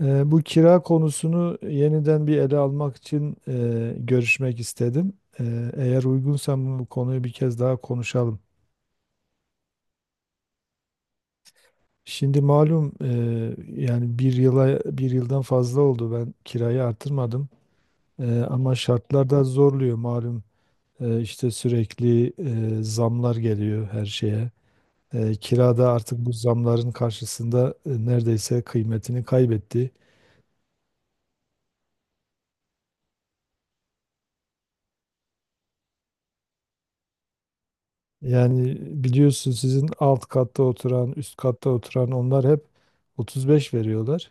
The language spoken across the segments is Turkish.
Bu kira konusunu yeniden bir ele almak için görüşmek istedim. Eğer uygunsa bu konuyu bir kez daha konuşalım. Şimdi malum yani bir yıldan fazla oldu ben kirayı artırmadım. Ama şartlar da zorluyor malum. İşte sürekli zamlar geliyor her şeye. Kira da artık bu zamların karşısında neredeyse kıymetini kaybetti. Yani biliyorsun sizin alt katta oturan, üst katta oturan onlar hep 35 veriyorlar.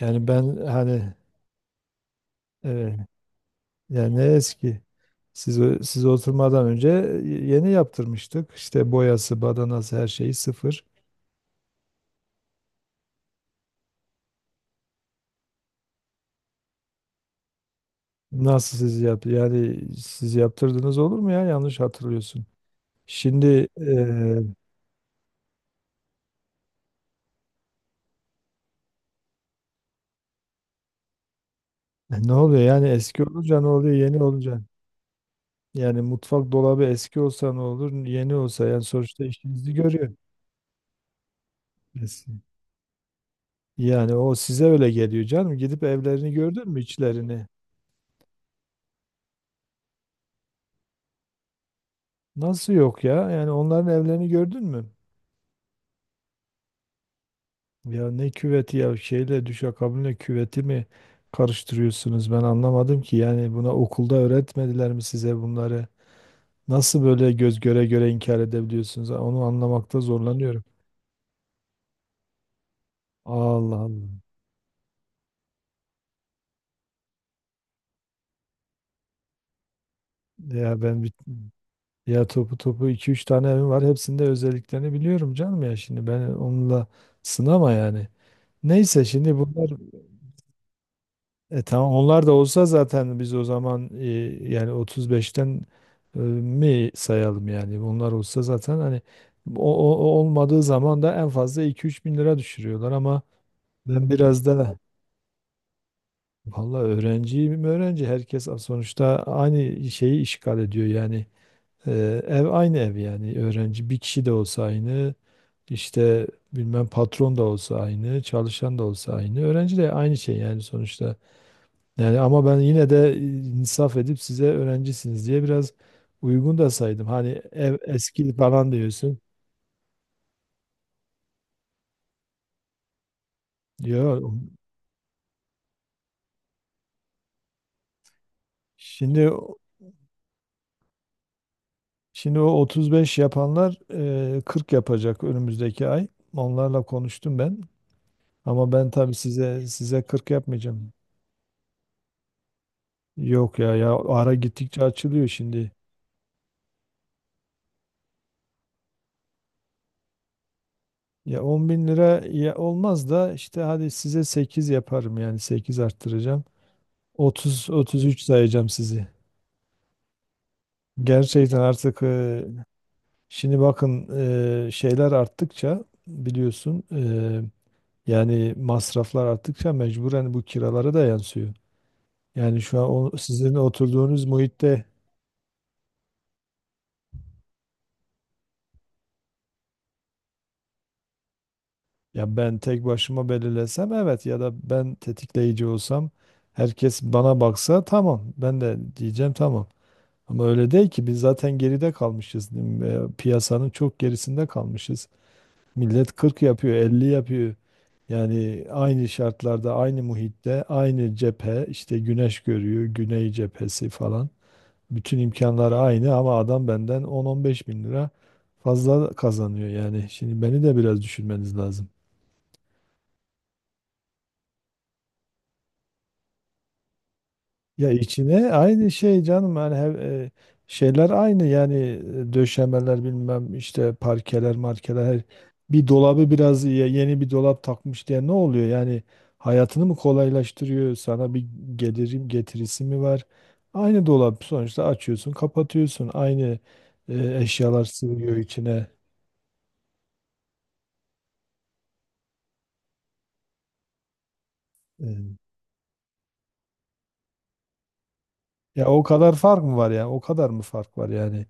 Yani ben hani evet, yani ne eski. Siz oturmadan önce yeni yaptırmıştık. İşte boyası, badanası her şeyi sıfır. Nasıl siz yaptı? Yani siz yaptırdınız olur mu ya? Yanlış hatırlıyorsun. Şimdi ne oluyor? Yani eski olunca ne oluyor? Yeni olunca. Yani mutfak dolabı eski olsa ne olur? Yeni olsa yani sonuçta işinizi görüyor. Yani o size öyle geliyor canım. Gidip evlerini gördün mü içlerini? Nasıl yok ya? Yani onların evlerini gördün mü? Ya ne küveti ya düşakabinle küveti mi karıştırıyorsunuz? Ben anlamadım ki. Yani buna okulda öğretmediler mi size bunları? Nasıl böyle göz göre göre inkar edebiliyorsunuz? Onu anlamakta zorlanıyorum. Allah Allah. Ya ben bir- Ya topu topu iki üç tane evim var. Hepsinde özelliklerini biliyorum canım ya. Şimdi ben onunla sınama yani. Neyse şimdi bunlar. Tamam onlar da olsa zaten biz o zaman yani 35'ten mi sayalım yani onlar olsa zaten hani o olmadığı zaman da en fazla 2-3 bin lira düşürüyorlar ama ben biraz da valla öğrenciyim öğrenci herkes sonuçta aynı şeyi işgal ediyor yani. E, Ev aynı ev yani öğrenci bir kişi de olsa aynı işte bilmem patron da olsa aynı çalışan da olsa aynı öğrenci de aynı şey yani sonuçta. Yani ama ben yine de insaf edip size öğrencisiniz diye biraz uygun da saydım. Hani ev eski falan diyorsun. Diyor. Şimdi şimdi o 35 yapanlar 40 yapacak önümüzdeki ay. Onlarla konuştum ben. Ama ben tabii size 40 yapmayacağım. Yok ya ya ara gittikçe açılıyor şimdi. Ya 10 bin lira ya olmaz da işte hadi size 8 yaparım yani 8 arttıracağım. 30 33 sayacağım sizi. Gerçekten artık. Şimdi bakın, şeyler arttıkça biliyorsun yani masraflar arttıkça mecburen bu kiralara da yansıyor. Yani şu an sizin oturduğunuz muhitte, ya ben tek başıma belirlesem evet ya da ben tetikleyici olsam, herkes bana baksa tamam ben de diyeceğim tamam. Ama öyle değil ki, biz zaten geride kalmışız. Değil mi? Piyasanın çok gerisinde kalmışız. Millet 40 yapıyor, 50 yapıyor. Yani aynı şartlarda, aynı muhitte, aynı cephe, işte güneş görüyor, güney cephesi falan. Bütün imkanlar aynı ama adam benden 10-15 bin lira fazla kazanıyor yani. Şimdi beni de biraz düşünmeniz lazım. Ya içine aynı şey canım yani şeyler aynı yani döşemeler bilmem işte parkeler markeler bir dolabı biraz yeni bir dolap takmış diye ne oluyor yani, hayatını mı kolaylaştırıyor sana, bir gelirim getirisi mi var, aynı dolap sonuçta, açıyorsun kapatıyorsun aynı, eşyalar sığıyor içine. E, Ya o kadar fark mı var yani, o kadar mı fark var yani,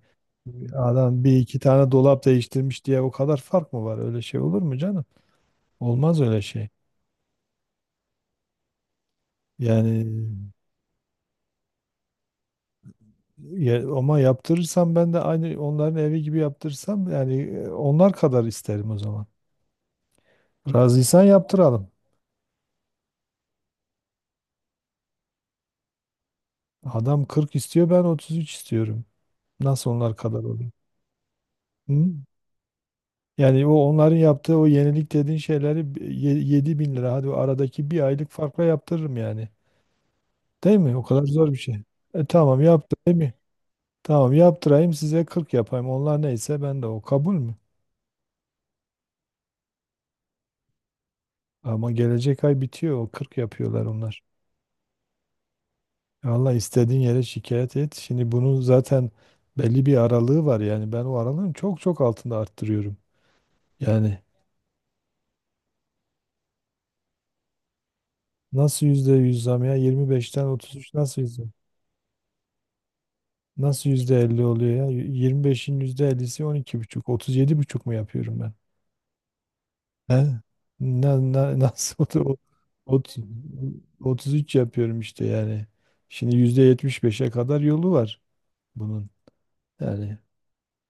adam bir iki tane dolap değiştirmiş diye o kadar fark mı var, öyle şey olur mu canım? Olmaz öyle şey. Yani ama yaptırırsam ben de aynı onların evi gibi yaptırırsam yani onlar kadar isterim o zaman. Razıysan yaptıralım. Adam 40 istiyor ben 33 istiyorum. Nasıl onlar kadar olur? Hı? Yani o onların yaptığı o yenilik dediğin şeyleri 7 bin lira hadi o aradaki bir aylık farkla yaptırırım yani. Değil mi? O kadar zor bir şey. Tamam yaptırayım. Tamam yaptırayım size 40 yapayım. Onlar neyse ben de o, kabul mü? Ama gelecek ay bitiyor. O 40 yapıyorlar onlar. Allah istediğin yere şikayet et. Şimdi bunun zaten belli bir aralığı var. Yani ben o aralığın çok çok altında arttırıyorum. Yani nasıl %100 zam ya? 25'ten 33 nasıl yüzde? Nasıl %50 oluyor ya? 25'in %50'si 12,5, buçuk, 37,5 mu yapıyorum ben? He? Nasıl oldu? Ot- 33 yapıyorum işte yani. Şimdi %75'e kadar yolu var bunun. Yani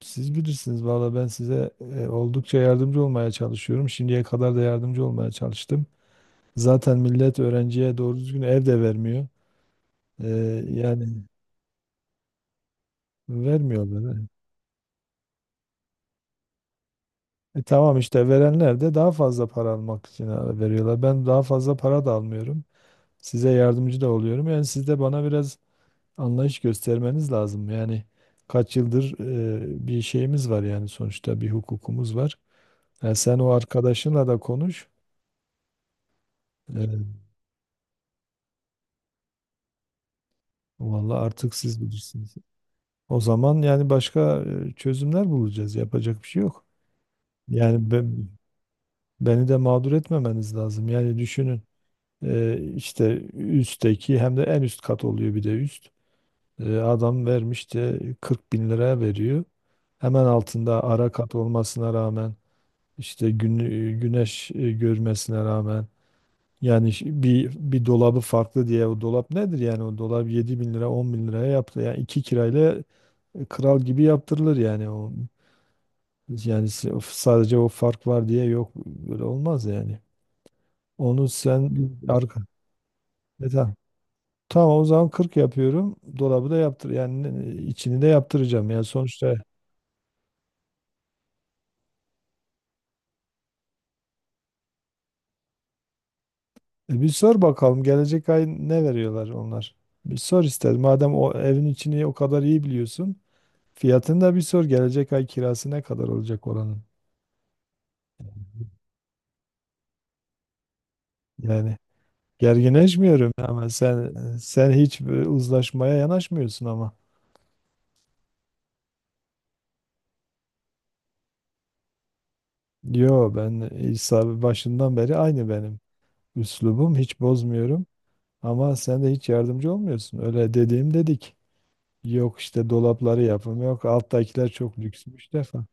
siz bilirsiniz valla, ben size oldukça yardımcı olmaya çalışıyorum. Şimdiye kadar da yardımcı olmaya çalıştım. Zaten millet öğrenciye doğru düzgün ev de vermiyor. E, Yani vermiyorlar. Tamam işte verenler de daha fazla para almak için veriyorlar. Ben daha fazla para da almıyorum. Size yardımcı da oluyorum. Yani siz de bana biraz anlayış göstermeniz lazım. Yani kaç yıldır bir şeyimiz var yani, sonuçta bir hukukumuz var. Yani sen o arkadaşınla da konuş. E, Vallahi artık siz bilirsiniz. O zaman yani başka çözümler bulacağız. Yapacak bir şey yok. Yani beni de mağdur etmemeniz lazım. Yani düşünün, işte üstteki hem de en üst kat oluyor bir de üst. Adam vermiş de 40 bin liraya veriyor. Hemen altında ara kat olmasına rağmen, işte güneş görmesine rağmen. Yani bir dolabı farklı diye o dolap nedir yani, o dolap 7 bin lira 10 bin liraya yaptı yani, iki kirayla kral gibi yaptırılır yani. O yani o sadece o fark var diye, yok böyle olmaz yani. Onu sen arka. Tamam, Tamam, o zaman 40 yapıyorum, dolabı da yaptır yani, içini de yaptıracağım yani sonuçta. Bir sor bakalım gelecek ay ne veriyorlar onlar, bir sor, ister madem o evin içini o kadar iyi biliyorsun. Fiyatını da bir sor. Gelecek ay kirası ne kadar olacak oranın? Yani gerginleşmiyorum ama sen hiç bir uzlaşmaya yanaşmıyorsun ama. Yo, ben İsa başından beri aynı benim. Üslubum hiç bozmuyorum ama sen de hiç yardımcı olmuyorsun. Öyle dediğim dedik. Yok işte dolapları yapım, yok alttakiler çok lüksmüş defa.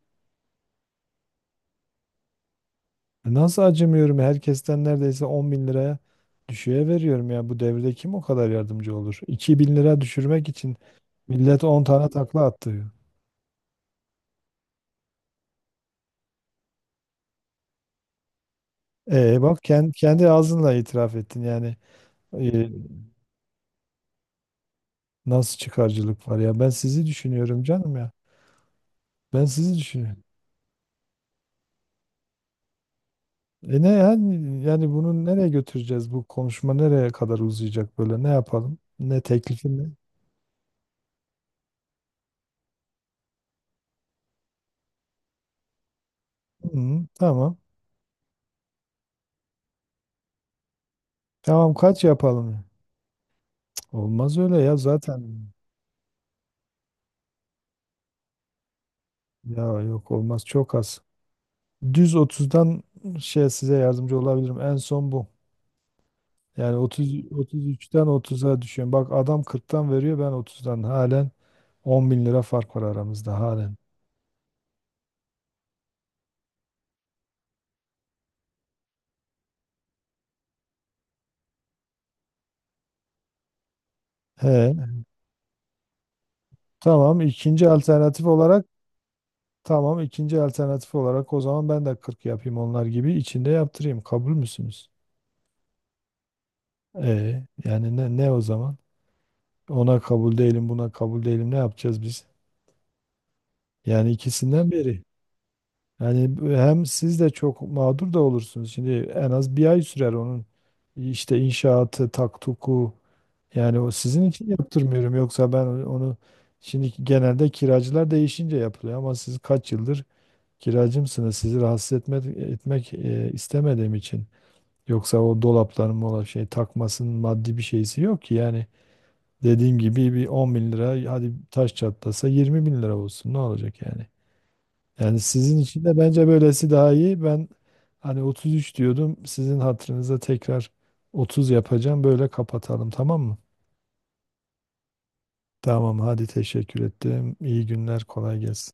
Nasıl acımıyorum? Herkesten neredeyse 10 bin liraya düşüğe veriyorum ya. Bu devirde kim o kadar yardımcı olur? 2 bin lira düşürmek için millet 10 tane takla attı. Bak kendi ağzınla itiraf ettin yani. E, Nasıl çıkarcılık var ya? Ben sizi düşünüyorum canım ya. Ben sizi düşünüyorum. Ne yani bunu nereye götüreceğiz? Bu konuşma nereye kadar uzayacak böyle? Ne yapalım? Ne teklifin ne? Hı, tamam. Tamam, kaç yapalım? Cık, olmaz öyle ya zaten. Ya yok, olmaz çok az. Düz 30'dan size yardımcı olabilirim. En son bu. Yani 30 33'ten 30'a düşüyorum. Bak adam 40'tan veriyor ben 30'dan halen 10 bin lira fark var aramızda halen. He. Tamam ikinci alternatif olarak tamam, ikinci alternatif olarak o zaman ben de 40 yapayım, onlar gibi içinde yaptırayım. Kabul müsünüz? Yani ne o zaman? Ona kabul değilim, buna kabul değilim, ne yapacağız biz? Yani ikisinden biri. Yani hem siz de çok mağdur da olursunuz. Şimdi en az bir ay sürer onun işte inşaatı, taktuku. Yani o sizin için yaptırmıyorum. Yoksa ben onu şimdi, genelde kiracılar değişince yapılıyor ama siz kaç yıldır kiracımsınız. Sizi rahatsız etmek istemediğim için. Yoksa o dolapların mola takmasının maddi bir şeysi yok ki. Yani dediğim gibi bir 10 bin lira, hadi taş çatlasa 20 bin lira olsun. Ne olacak yani? Yani sizin için de bence böylesi daha iyi. Ben hani 33 diyordum, sizin hatırınıza tekrar 30 yapacağım. Böyle kapatalım, tamam mı? Tamam hadi, teşekkür ettim. İyi günler, kolay gelsin.